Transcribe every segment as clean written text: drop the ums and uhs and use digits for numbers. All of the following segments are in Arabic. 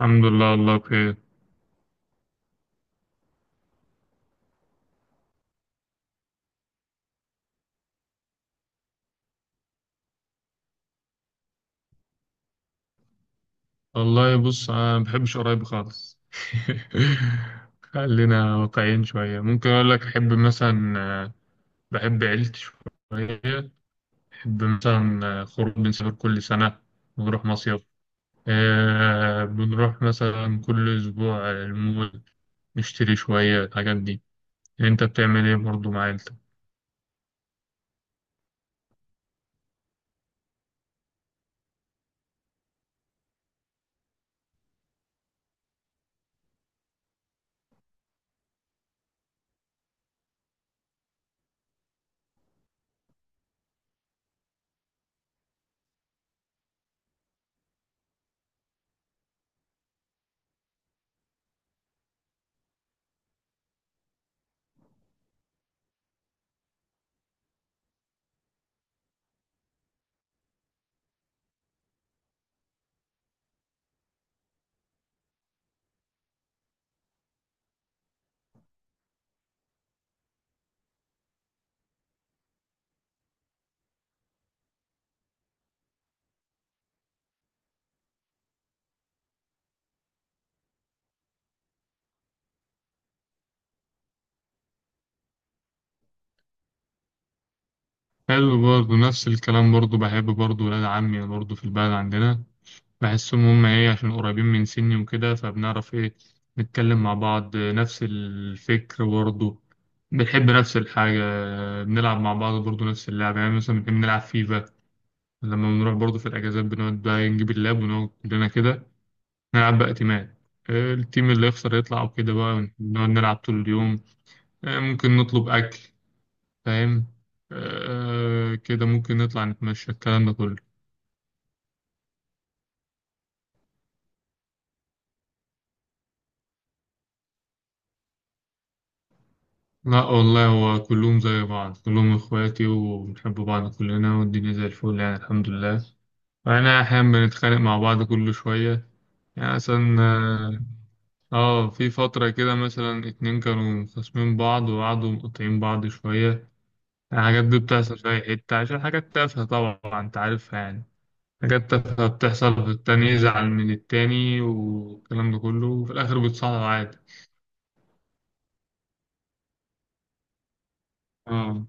الحمد لله، والله بخير. والله بص، انا ما بحبش قرايبي خالص. خلينا واقعيين شويه. ممكن اقول لك احب مثلا بحب عيلتي شويه. بحب مثلا خروج، بنسافر كل سنه، بنروح مصيف. بنروح مثلا كل اسبوع المول، نشتري شويه الحاجات دي. انت بتعمل ايه برضه مع عيلتك؟ حلو، برضه نفس الكلام. برضه بحب برضه ولاد عمي برضه في البلد عندنا. بحسهم هم ايه، عشان قريبين من سني وكده، فبنعرف ايه، نتكلم مع بعض، نفس الفكر برضه، بنحب نفس الحاجة، بنلعب مع بعض برضه نفس اللعبة. يعني مثلا بنحب نلعب فيفا. لما بنروح برضه في الأجازات بنقعد بقى نجيب اللاب ونقعد كلنا كده نلعب بقى تيمات. التيم اللي يخسر يطلع وكده بقى، نقعد نلعب طول اليوم. ممكن نطلب أكل، فاهم؟ كده ممكن نطلع نتمشى، الكلام ده كله. لا والله، هو كلهم زي بعض، كلهم إخواتي وبنحب بعض كلنا، والدنيا زي الفل يعني، الحمد لله. وأنا أحيانا بنتخانق مع بعض كل شوية. يعني مثلا في فترة كده مثلا اتنين كانوا خاصمين بعض وقعدوا مقاطعين بعض شوية. الحاجات دي بتحصل في أي حتة، عشان حاجات تافهة طبعا أنت عارفها يعني. حاجات تافهة بتحصل، في التاني يزعل من التاني، والكلام ده كله، وفي الآخر بيتصالحوا عادي. آه،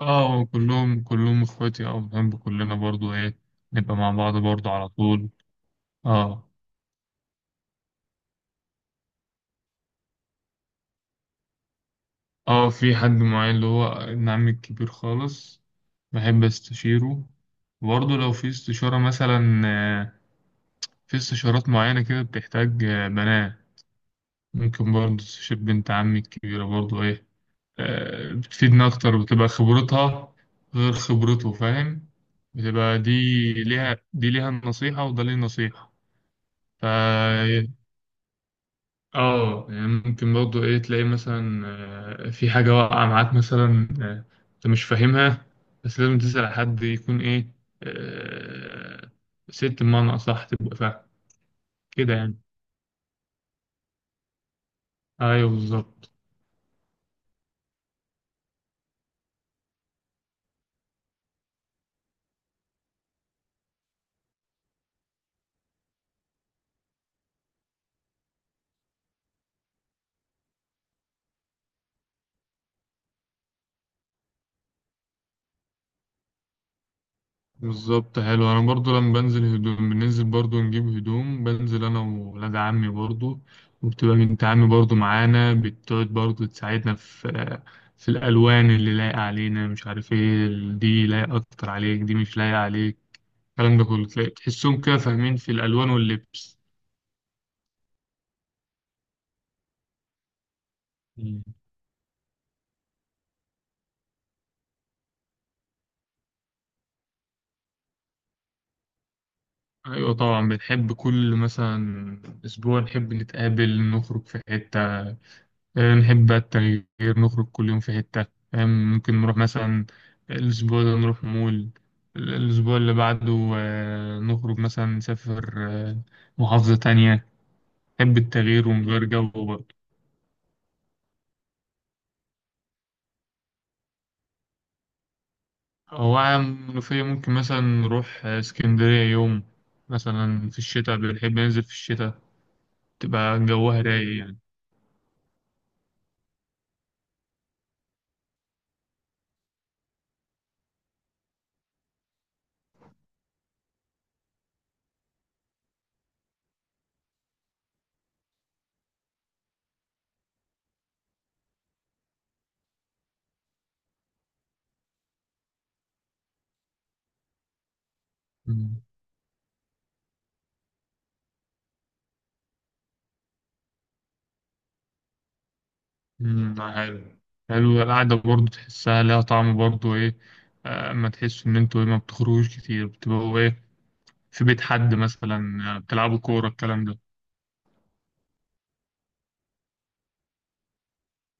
اه كلهم اخواتي، اه بنحب كلنا برضو ايه، نبقى مع بعض برضو على طول. اه، اه في حد معين، اللي هو ابن عمي الكبير خالص، بحب استشيره. برضو لو في استشارة مثلا في استشارات معينة كده بتحتاج بنات، ممكن برضو استشير بنت عمي الكبيرة برضو ايه. بتفيدنا اكتر، بتبقى خبرتها غير خبرته، فاهم؟ بتبقى دي ليها، دي ليها النصيحة وده ليه النصيحة. اه يعني ممكن برضه ايه تلاقي مثلا في حاجة واقعة معاك مثلا، انت مش فاهمها، بس لازم تسأل حد يكون ايه، آه، ست بمعنى أصح، تبقى فاهم كده يعني. ايوه بالظبط. بالظبط، حلو. انا برضو لما بنزل هدوم، بننزل برضو نجيب هدوم، بنزل انا وولاد عمي برضو، وبتبقى بنت عمي برضو معانا، بتقعد برضو تساعدنا في في الالوان اللي لايقه علينا، مش عارف ايه، دي لايقه اكتر عليك، دي مش لايقه عليك، الكلام ده كله. تلاقي تحسهم كده فاهمين في الألوان واللبس. مم. أيوة طبعا، بنحب كل مثلا أسبوع نحب نتقابل، نخرج في حتة. نحب بقى التغيير، نخرج كل يوم في حتة، فاهم؟ ممكن نروح مثلا الأسبوع ده نروح مول، الأسبوع اللي بعده نخرج مثلا نسافر محافظة تانية. نحب التغيير ونغير جو برضه. هو عام منوفية، ممكن مثلا نروح اسكندرية يوم، مثلا في الشتاء، بنحب ننزل في الشتاء تبقى جوها رايق يعني. مم. مم، حلو. حلو القعدة برضه، تحسها لها طعم برضه إيه. أما تحس إن أنتوا إيه، ما بتخرجوش كتير، بتبقوا إيه في بيت حد مثلا، بتلعبوا كورة، الكلام ده.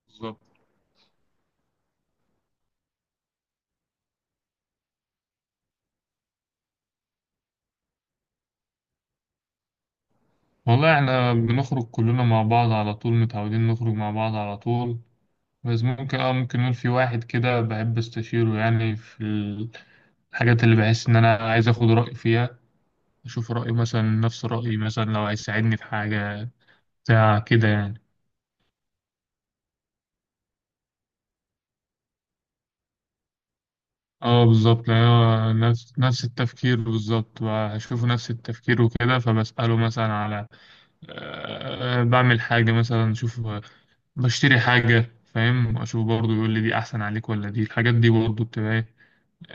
بالظبط. والله إحنا بنخرج كلنا مع بعض على طول، متعودين نخرج مع بعض على طول. بس ممكن ممكن نقول في واحد كده بحب أستشيره يعني في الحاجات اللي بحس إن أنا عايز آخد رأي فيها، أشوف رأيه مثلا نفس رأيي، مثلا لو هيساعدني في حاجة، بتاع كده يعني. اه بالظبط، يعني هو نفس التفكير بالظبط، هشوفه نفس التفكير وكده، فبسأله مثلا على أه آه، بعمل حاجة مثلا، أشوف بشتري حاجة، فاهم؟ أشوف برضه يقول لي دي أحسن عليك ولا دي. الحاجات دي برضه بتبقى إيه،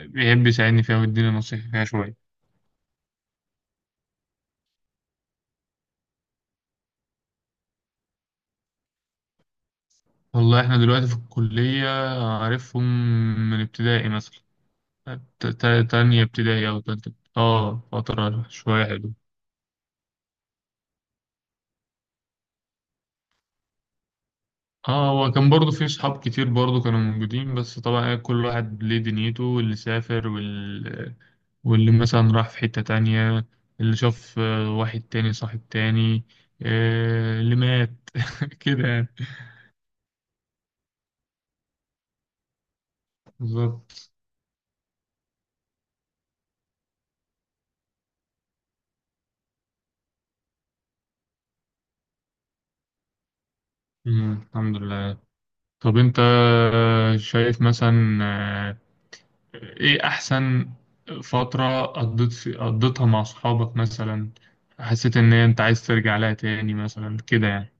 بيحب يساعدني فيها ويديني نصيحة فيها شوية. والله إحنا دلوقتي في الكلية، عارفهم من ابتدائي مثلا. تانية ابتدائي أو تالتة، اه فترة شوية حلوة. اه، هو كان برضه في صحاب كتير برضه كانوا موجودين، بس طبعا إيه، كل واحد ليه دنيته، واللي سافر واللي مثلا راح في حتة تانية، اللي شاف واحد تاني صاحب تاني، اللي مات كده يعني. بالظبط. مم، الحمد لله. طب انت شايف مثلا ايه احسن فترة قضيتها مع صحابك، مثلا حسيت ان انت عايز ترجع لها تاني مثلا كده يعني؟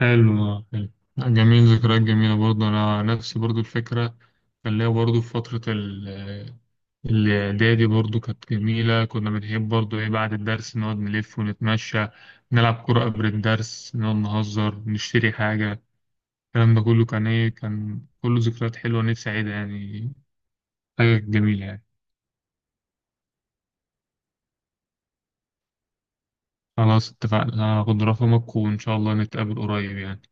حلو، حلو، جميل. ذكريات جميلة برضه. أنا نفسي برضه الفكرة، كان ليا برضه في فترة الإعدادي برضه، كانت جميلة. كنا بنحب برضه إيه، بعد الدرس نقعد نلف ونتمشى، نلعب كرة قبل الدرس، نقعد نهزر، نشتري حاجة، الكلام ده كله، كان إيه، كان كله ذكريات حلوة، نفسي أعيدها يعني. حاجة جميلة يعني. خلاص اتفقنا، هاخد رقمك وإن شاء الله نتقابل قريب يعني.